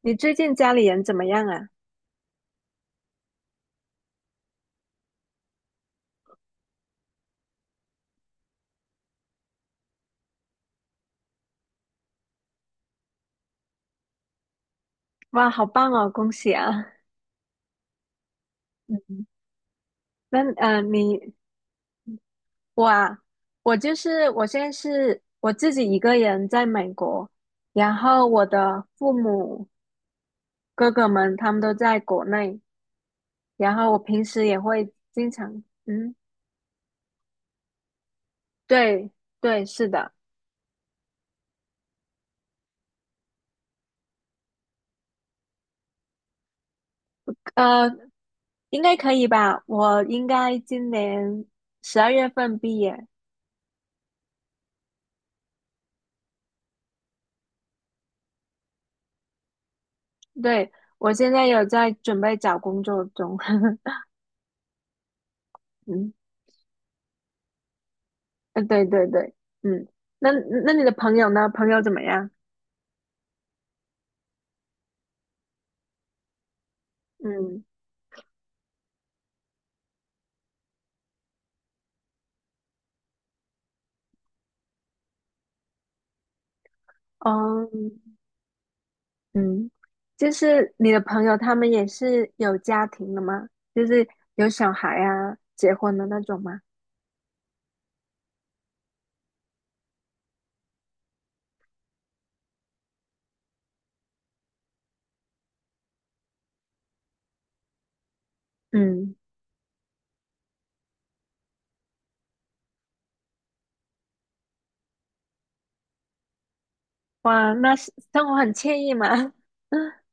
你最近家里人怎么样啊？哇，好棒哦，恭喜啊！嗯那你我啊，我就是我现在是我自己一个人在美国，然后我的父母哥哥们他们都在国内，然后我平时也会经常，嗯，对对，是的，呃，应该可以吧？我应该今年12月份毕业，对，我现在有在准备找工作中，嗯。对对对，嗯，那那你的朋友呢？朋友怎么样？嗯，哦，嗯，就是你的朋友他们也是有家庭的吗？就是有小孩啊，结婚的那种吗？嗯，哇，那是生活很惬意嘛。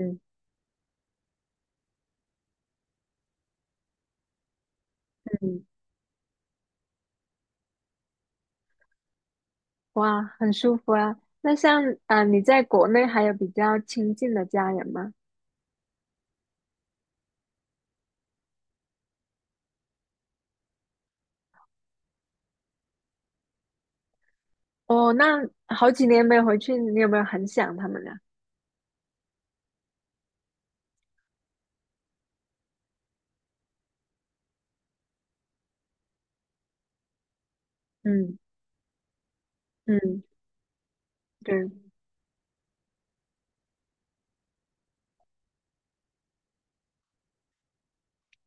嗯嗯，哇，很舒服啊。那像啊、你在国内还有比较亲近的家人吗？哦，那好几年没回去，你有没有很想他们呢？嗯嗯，对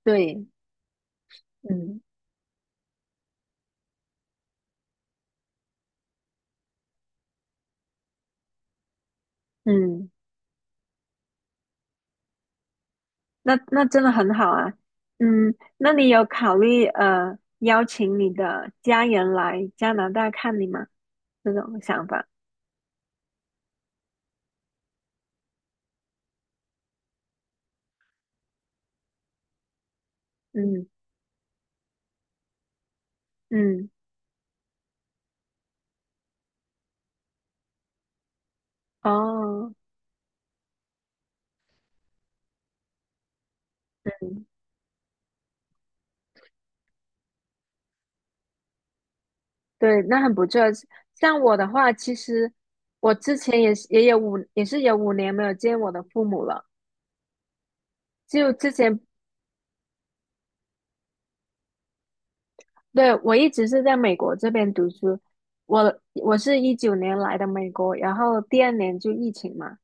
对，嗯。嗯，那真的很好啊。嗯，那你有考虑邀请你的家人来加拿大看你吗？这种想法？嗯嗯，哦，对，那很不错。像我的话，其实我之前也是有5年没有见我的父母了。就之前，对，我一直是在美国这边读书，我是19年来的美国，然后第二年就疫情嘛，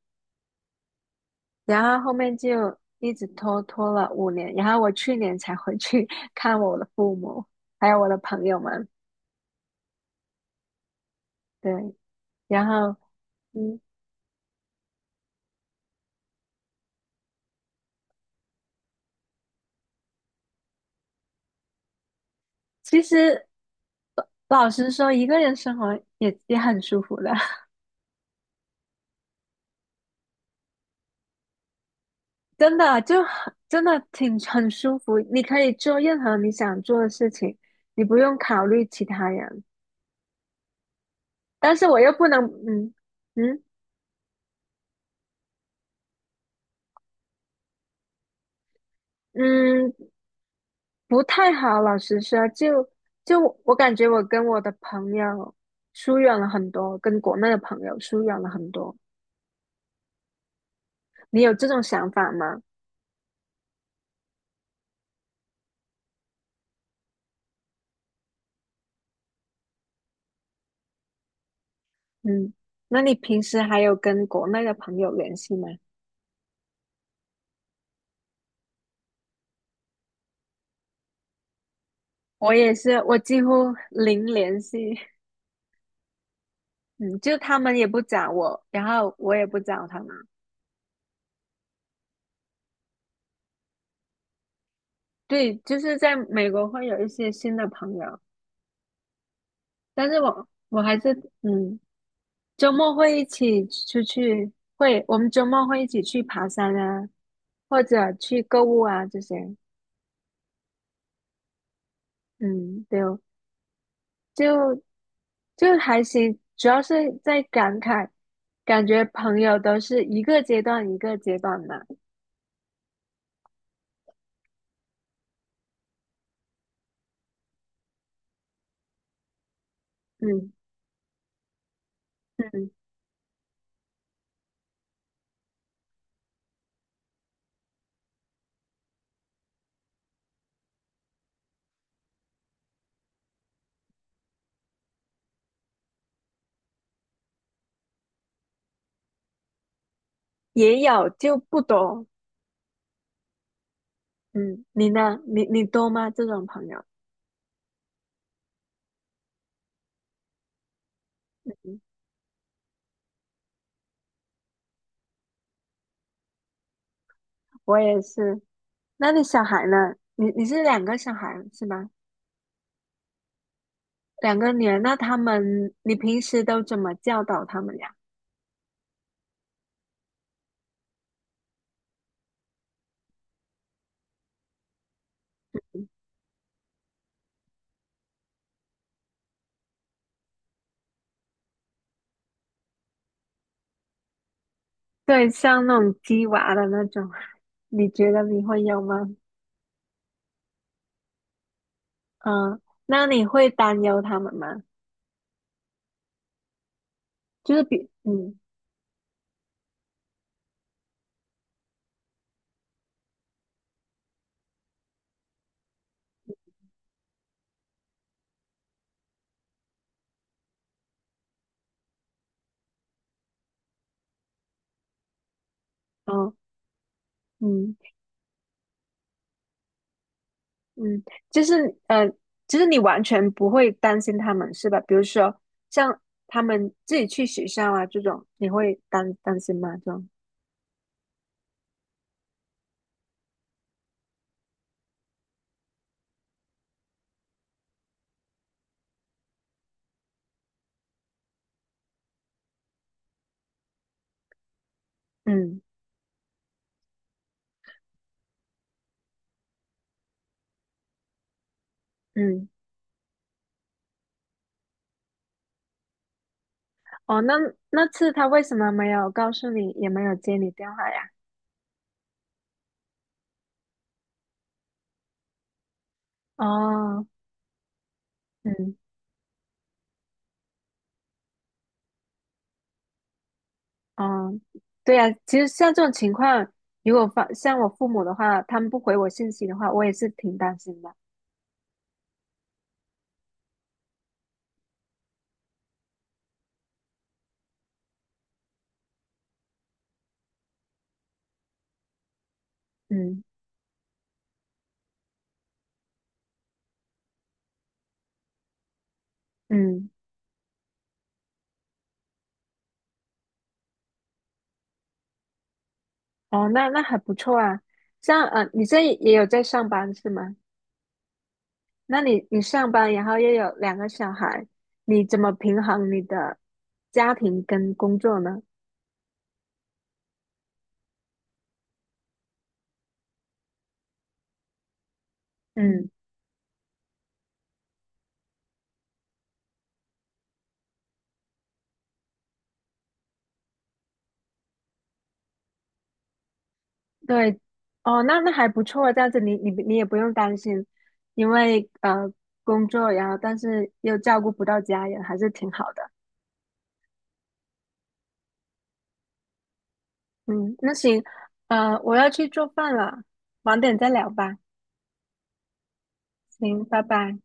然后后面就一直拖了五年，然后我去年才回去 看我的父母，还有我的朋友们。对，然后嗯，其实老实说，一个人生活也很舒服的，真的就很真的挺很舒服。你可以做任何你想做的事情，你不用考虑其他人。但是我又不能，嗯嗯嗯，不太好，老实说，就我感觉我跟我的朋友疏远了很多，跟国内的朋友疏远了很多。你有这种想法吗？嗯，那你平时还有跟国内的朋友联系吗？我也是，我几乎零联系。嗯，就他们也不找我，然后我也不找他们。对，就是在美国会有一些新的朋友，但是我还是嗯。周末会一起出去，会，我们周末会一起去爬山啊，或者去购物啊这些。嗯，对哦就就还行，主要是在感慨，感觉朋友都是一个阶段一个阶段的。嗯，也有就不多。嗯，你呢？你多吗？这种朋友？嗯，我也是。那你小孩呢？你是两个小孩是吧？两个女儿，那他们，你平时都怎么教导他们呀？对，像那种鸡娃的那种，你觉得你会有吗？嗯，那你会担忧他们吗？就是比，嗯，哦，嗯嗯，就是就是你完全不会担心他们是吧？比如说像他们自己去学校啊这种，你会担心吗？这种，嗯嗯，哦，那那次他为什么没有告诉你，也没有接你电话呀？哦，嗯。嗯，对呀，其实像这种情况，如果发像我父母的话，他们不回我信息的话，我也是挺担心的。嗯嗯，哦，那还不错啊。像你这也有在上班是吗？那你你上班，然后又有两个小孩，你怎么平衡你的家庭跟工作呢？嗯，对，哦，那还不错啊，这样子你也不用担心，因为工作，然后但是又照顾不到家人，还是挺好的。嗯，那行，我要去做饭了，晚点再聊吧。行，拜拜。